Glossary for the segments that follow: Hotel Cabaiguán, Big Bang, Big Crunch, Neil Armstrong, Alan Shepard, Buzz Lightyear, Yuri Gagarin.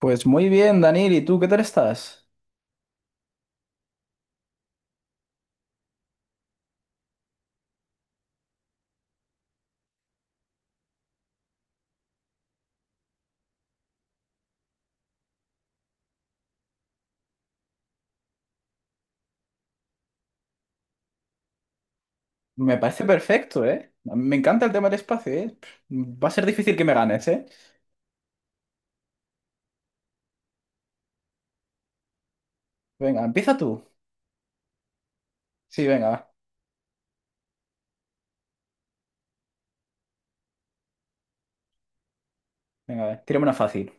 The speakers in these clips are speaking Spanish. Pues muy bien, Daniel, ¿y tú qué tal estás? Me parece perfecto, ¿eh? A mí me encanta el tema del espacio, ¿eh? Pff, va a ser difícil que me ganes, ¿eh? Venga, empieza tú. Sí, venga, va. Venga, a ver, tírame una fácil.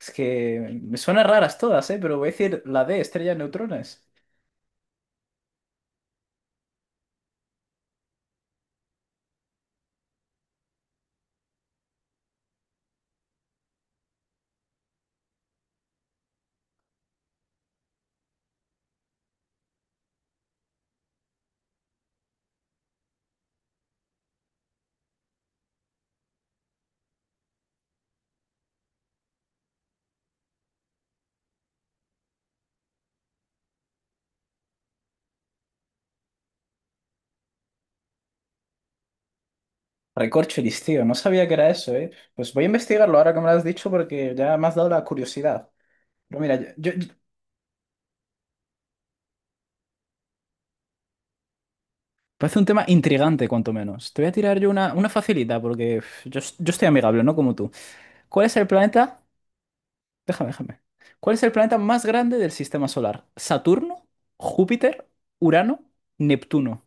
Es que me suenan raras todas, ¿eh? Pero voy a decir la D, estrella de neutrones. Recorcholis, tío, no sabía que era eso, ¿eh? Pues voy a investigarlo ahora que me lo has dicho porque ya me has dado la curiosidad. Pero mira, parece un tema intrigante, cuanto menos. Te voy a tirar yo una facilita porque pff, yo estoy amigable, no como tú. ¿Cuál es el planeta? Déjame, déjame. ¿Cuál es el planeta más grande del sistema solar? ¿Saturno? ¿Júpiter? ¿Urano? ¿Neptuno?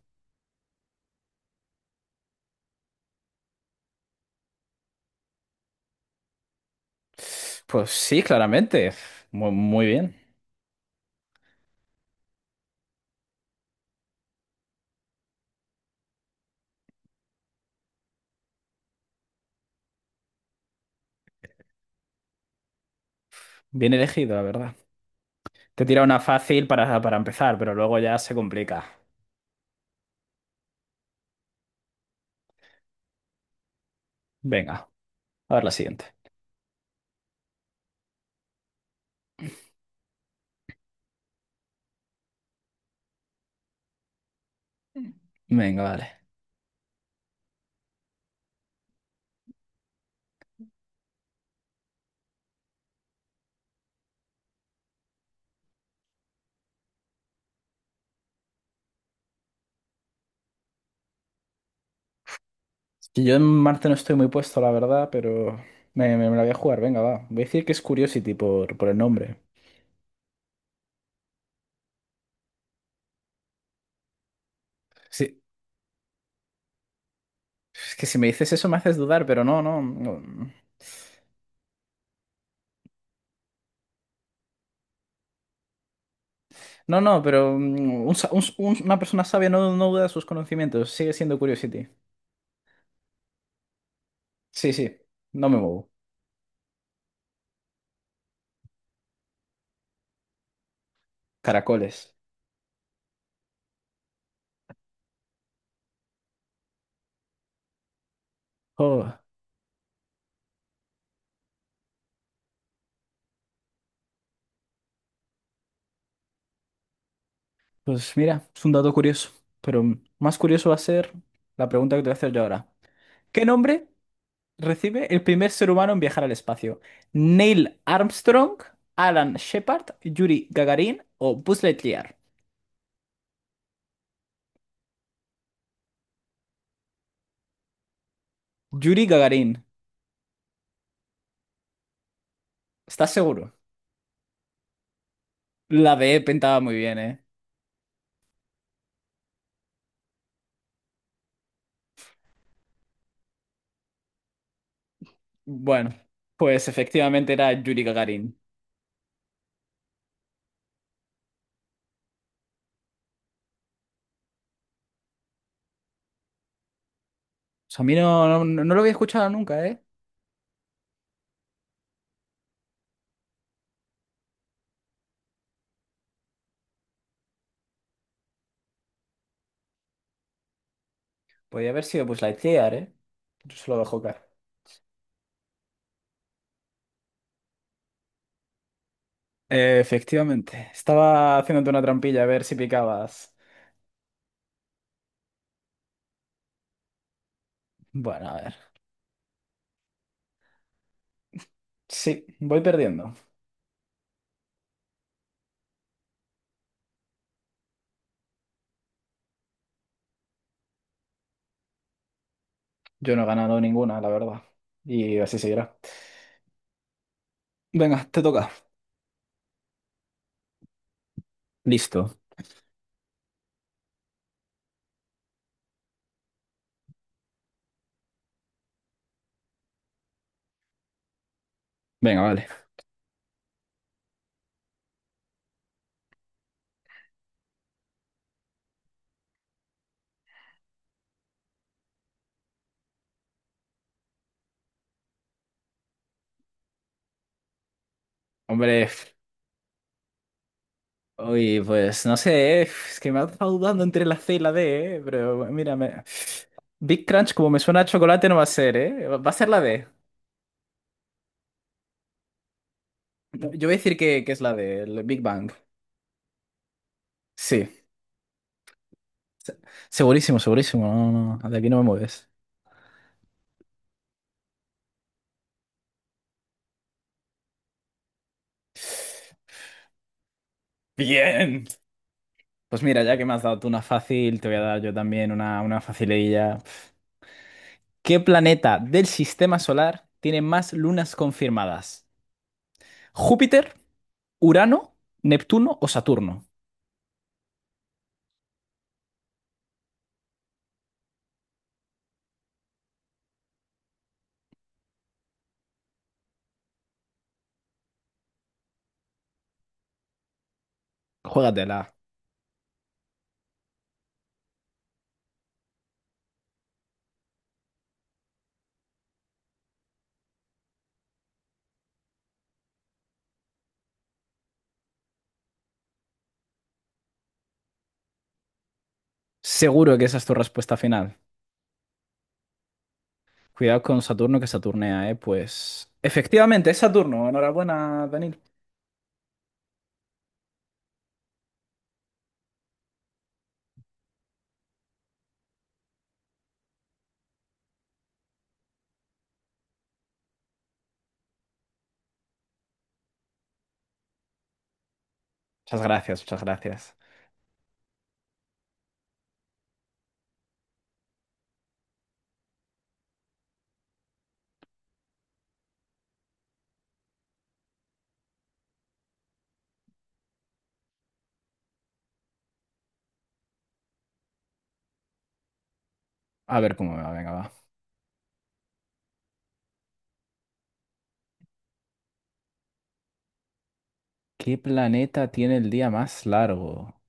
Pues sí, claramente. Muy bien. Bien elegido, la verdad. Te tira una fácil para empezar, pero luego ya se complica. Venga, a ver la siguiente. Venga, vale. que Yo en Marte no estoy muy puesto, la verdad, pero me la voy a jugar. Venga, va. Voy a decir que es Curiosity por el nombre. Sí, es que si me dices eso me haces dudar, pero no, no, no. No, no, pero un sa- un- una persona sabia no, no duda de sus conocimientos, sigue siendo Curiosity. Sí, sí, no me muevo. Caracoles. Oh, pues mira, es un dato curioso, pero más curioso va a ser la pregunta que te voy a hacer yo ahora. ¿Qué nombre recibe el primer ser humano en viajar al espacio? ¿Neil Armstrong, Alan Shepard, Yuri Gagarin o Buzz Lightyear? Yuri Gagarin, ¿estás seguro? La B pintaba muy bien, ¿eh? Bueno, pues efectivamente era Yuri Gagarin. O sea, a mí no, no, no lo había escuchado nunca, ¿eh? Podría haber sido pues Lightyear, ¿eh? Yo se lo dejó caer. Efectivamente. Estaba haciéndote una trampilla a ver si picabas. Bueno, a ver. Sí, voy perdiendo. Yo no he ganado ninguna, la verdad. Y así seguirá. Venga, te toca. Listo. Venga, vale. Hombre, pues no sé, es que me ha dejado dudando entre la C y la D, pero mírame. Big Crunch, como me suena a chocolate, no va a ser, ¿eh? Va a ser la D. Yo voy a decir que es la D, el Big Bang. Sí, se- segurísimo, segurísimo. No, no, de aquí no me mueves. Bien. Pues mira, ya que me has dado tú una fácil, te voy a dar yo también una facililla. ¿Qué planeta del sistema solar tiene más lunas confirmadas? ¿Júpiter, Urano, Neptuno o Saturno? Juégatela. Seguro que esa es tu respuesta final. Cuidado con Saturno que Saturnea, ¿eh? Pues efectivamente es Saturno. Enhorabuena, Daniel. Muchas gracias, muchas gracias. A ver cómo me va, venga, va. ¿Qué planeta tiene el día más largo?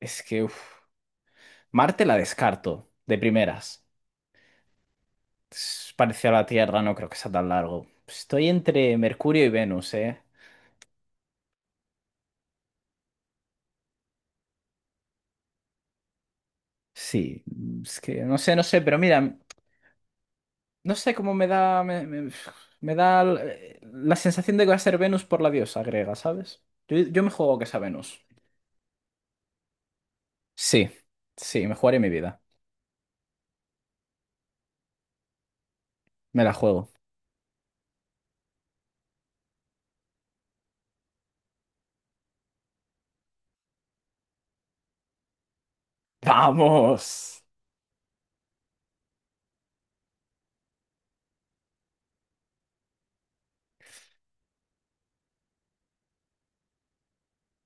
Es que, uf. Marte la descarto, de primeras. Es parecido a la Tierra, no creo que sea tan largo. Estoy entre Mercurio y Venus, ¿eh? Sí, es que no sé, no sé, pero mira, no sé cómo me da. Me da la sensación de que va a ser Venus por la diosa griega, ¿sabes? Yo me juego que sea Venus. Sí, sí, me jugaré mi vida. Me la juego. ¡Vamos!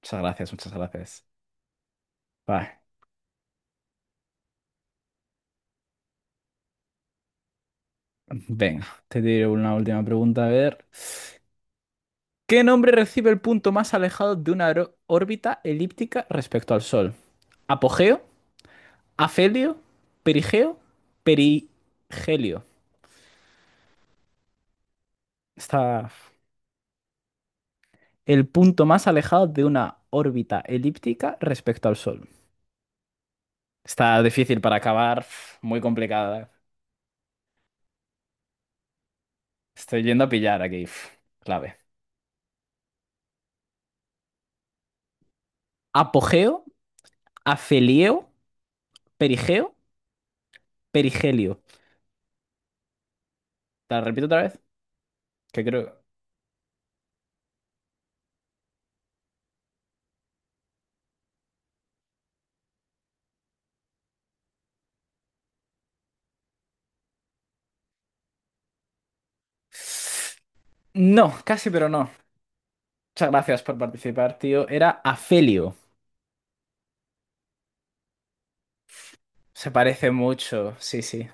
Muchas gracias, muchas gracias. Bye. Venga, te diré una última pregunta. A ver, ¿qué nombre recibe el punto más alejado de una órbita elíptica respecto al Sol? ¿Apogeo? ¿Afelio? ¿Perigeo? ¿Perigelio? Está el punto más alejado de una órbita elíptica respecto al Sol. Está difícil para acabar, pf, muy complicada. Estoy yendo a pillar aquí, pf, clave. ¿Apogeo? ¿Afelio? ¿Perigeo? ¿Perigelio? Te la repito otra vez, que creo. No, casi, pero no. Muchas gracias por participar, tío. Era Afelio. Se parece mucho, sí, sí.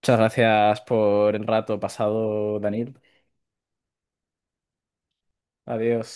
Muchas gracias por el rato pasado, Daniel. Adiós.